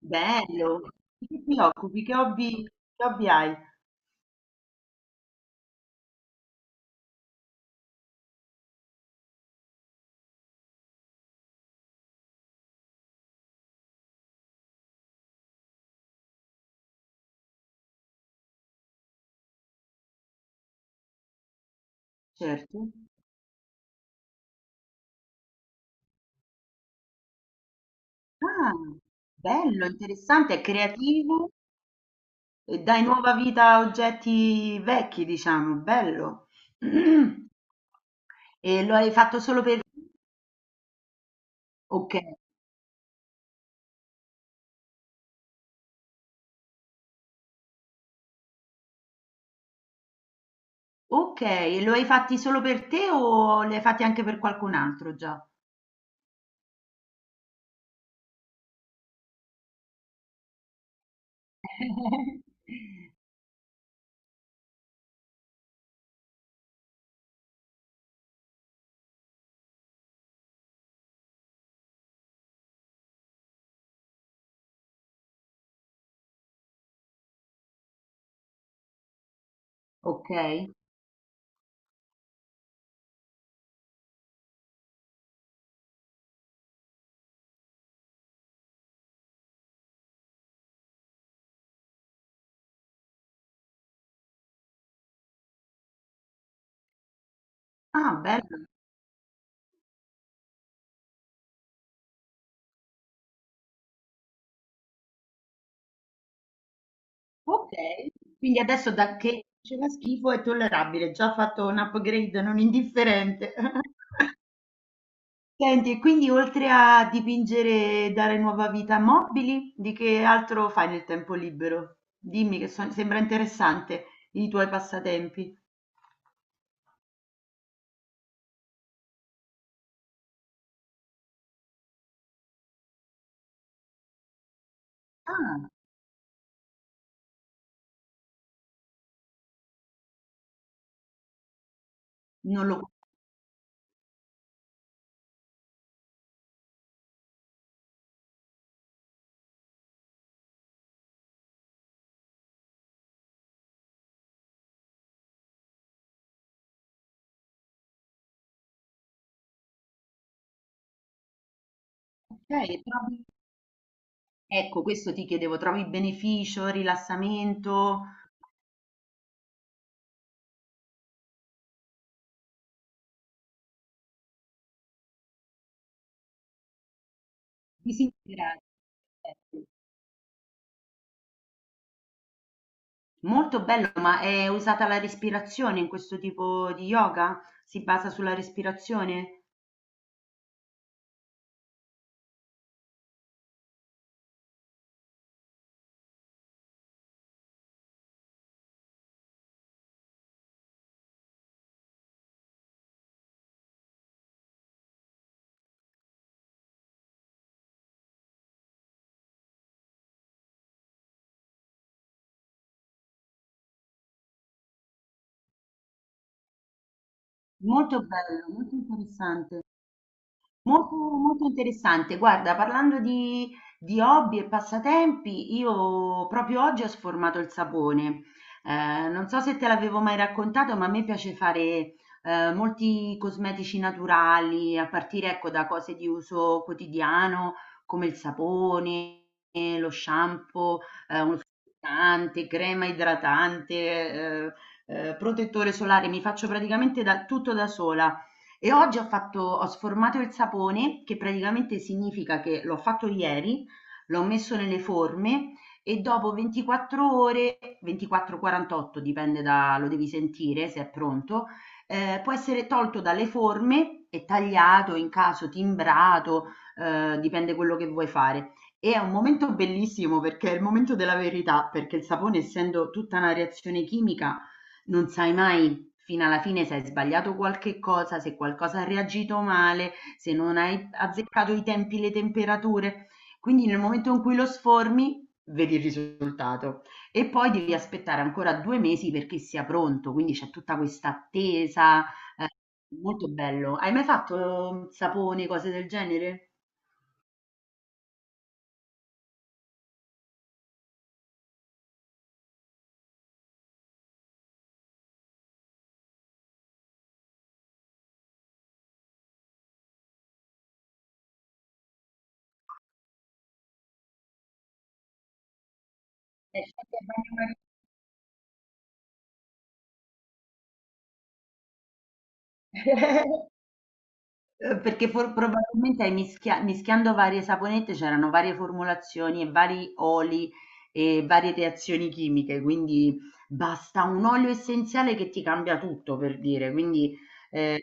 Bello! Di che ti occupi? Che hobby hai? Certo. Ah, bello, interessante, è creativo e dai nuova vita a oggetti vecchi, diciamo, bello. E lo hai fatto solo per. Ok, ok, e lo hai fatti solo per te o li hai fatti anche per qualcun altro già? Ok. Ah, bello. Okay, quindi adesso da che faceva schifo è tollerabile, già ha fatto un upgrade non indifferente. Senti, e quindi oltre a dipingere e dare nuova vita a mobili, di che altro fai nel tempo libero? Dimmi che so sembra interessante i tuoi passatempi. Ah, non lo okay, trovi ecco questo ti chiedevo, trovi beneficio, rilassamento? Disintegrare. Molto bello, ma è usata la respirazione in questo tipo di yoga? Si basa sulla respirazione? Molto bello, molto interessante. Molto, molto interessante. Guarda, parlando di hobby e passatempi, io proprio oggi ho sformato il sapone. Non so se te l'avevo mai raccontato, ma a me piace fare molti cosmetici naturali, a partire ecco, da cose di uso quotidiano come il sapone, lo shampoo, uno struccante, crema idratante, protettore solare. Mi faccio praticamente tutto da sola. E oggi ho fatto, ho sformato il sapone, che praticamente significa che l'ho fatto ieri, l'ho messo nelle forme e dopo 24 ore, 24-48 dipende lo devi sentire se è pronto, può essere tolto dalle forme e tagliato, in caso timbrato, dipende quello che vuoi fare. E è un momento bellissimo perché è il momento della verità, perché il sapone, essendo tutta una reazione chimica, non sai mai fino alla fine se hai sbagliato qualche cosa, se qualcosa ha reagito male, se non hai azzeccato i tempi, le temperature. Quindi nel momento in cui lo sformi, vedi il risultato e poi devi aspettare ancora 2 mesi perché sia pronto, quindi c'è tutta questa attesa. eh, Molto bello. Hai mai fatto sapone, cose del genere? Fatti a bagnomaria. Perché for probabilmente hai mischiando varie saponette c'erano varie formulazioni e vari oli e varie reazioni chimiche, quindi basta un olio essenziale che ti cambia tutto, per dire. Quindi, ehm,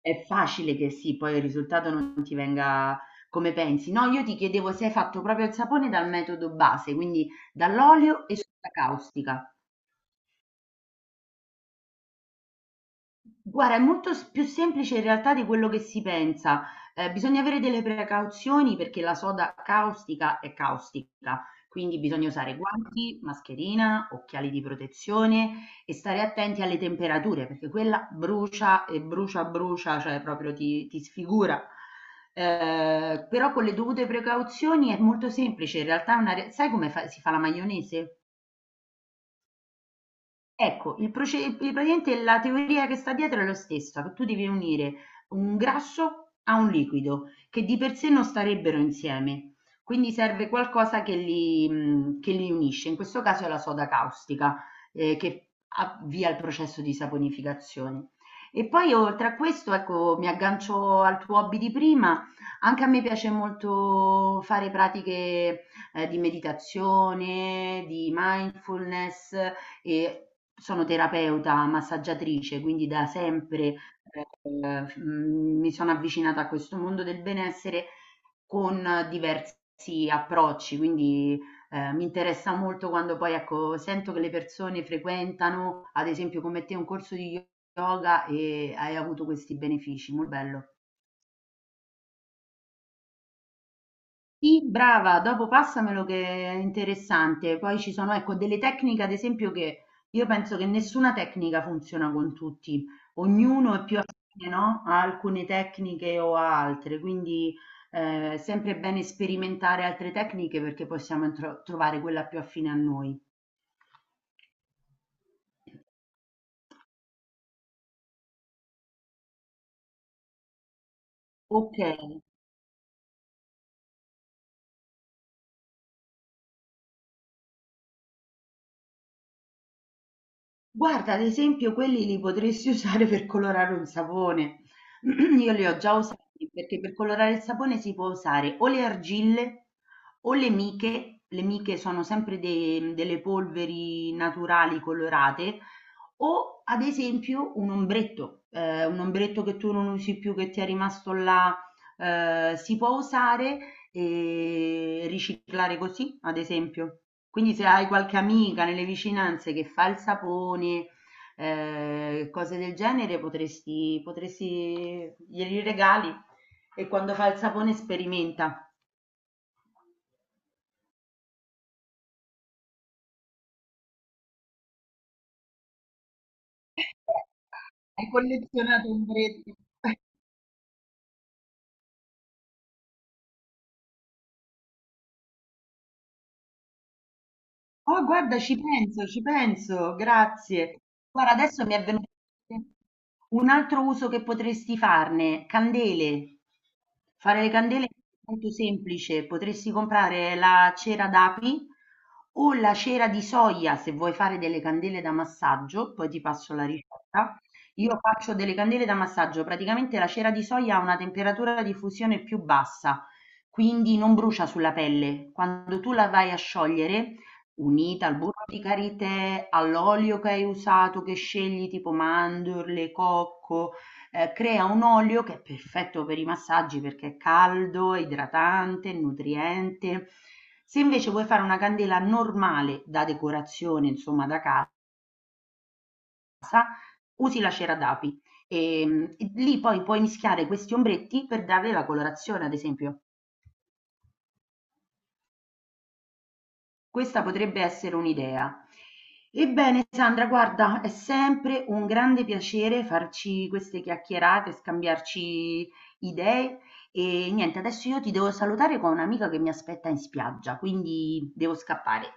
è facile che sì, poi il risultato non ti venga come pensi. No, io ti chiedevo se hai fatto proprio il sapone dal metodo base, quindi dall'olio e soda caustica. Guarda, è molto s più semplice in realtà di quello che si pensa. Bisogna avere delle precauzioni perché la soda caustica è caustica, quindi bisogna usare guanti, mascherina, occhiali di protezione e stare attenti alle temperature perché quella brucia e brucia, brucia, cioè proprio ti sfigura. Però con le dovute precauzioni è molto semplice, in realtà è una re sai come fa si fa la maionese? Ecco, praticamente la teoria che sta dietro è lo stessa, che tu devi unire un grasso a un liquido, che di per sé non starebbero insieme, quindi serve qualcosa che li unisce, in questo caso è la soda caustica, che avvia il processo di saponificazione. E poi oltre a questo, ecco, mi aggancio al tuo hobby di prima, anche a me piace molto fare pratiche di meditazione, di mindfulness, e sono terapeuta, massaggiatrice, quindi da sempre mi sono avvicinata a questo mondo del benessere con diversi approcci, quindi mi interessa molto quando poi ecco, sento che le persone frequentano, ad esempio come te, un corso di yoga e hai avuto questi benefici, molto bello. Sì, brava, dopo passamelo che è interessante. Poi ci sono, ecco, delle tecniche, ad esempio, che io penso che nessuna tecnica funziona con tutti, ognuno è più affine, no? A alcune tecniche o a altre, quindi è sempre bene sperimentare altre tecniche perché possiamo trovare quella più affine a noi. Ok. Guarda, ad esempio, quelli li potresti usare per colorare un sapone. Io li ho già usati perché per colorare il sapone si può usare o le argille o le miche. Le miche sono sempre delle polveri naturali colorate o ad esempio un ombretto che tu non usi più, che ti è rimasto là, si può usare e riciclare così, ad esempio. Quindi se hai qualche amica nelle vicinanze che fa il sapone, cose del genere, potresti glieli regali e quando fa il sapone sperimenta. Hai collezionato ombretti. Oh, guarda, ci penso, grazie. Guarda, adesso mi è venuto in mente un altro uso che potresti farne, candele. Fare le candele è molto semplice, potresti comprare la cera d'api o la cera di soia se vuoi fare delle candele da massaggio, poi ti passo la ricetta. Io faccio delle candele da massaggio, praticamente la cera di soia ha una temperatura di fusione più bassa, quindi non brucia sulla pelle. Quando tu la vai a sciogliere unita al burro di karité, all'olio che hai usato, che scegli tipo mandorle, cocco, crea un olio che è perfetto per i massaggi perché è caldo, idratante, nutriente. Se invece vuoi fare una candela normale da decorazione, insomma da casa, usi la cera d'api e lì poi puoi mischiare questi ombretti per darle la colorazione, ad esempio. Questa potrebbe essere un'idea. Ebbene, Sandra, guarda, è sempre un grande piacere farci queste chiacchierate, scambiarci idee. E niente, adesso io ti devo salutare con un'amica che mi aspetta in spiaggia, quindi devo scappare.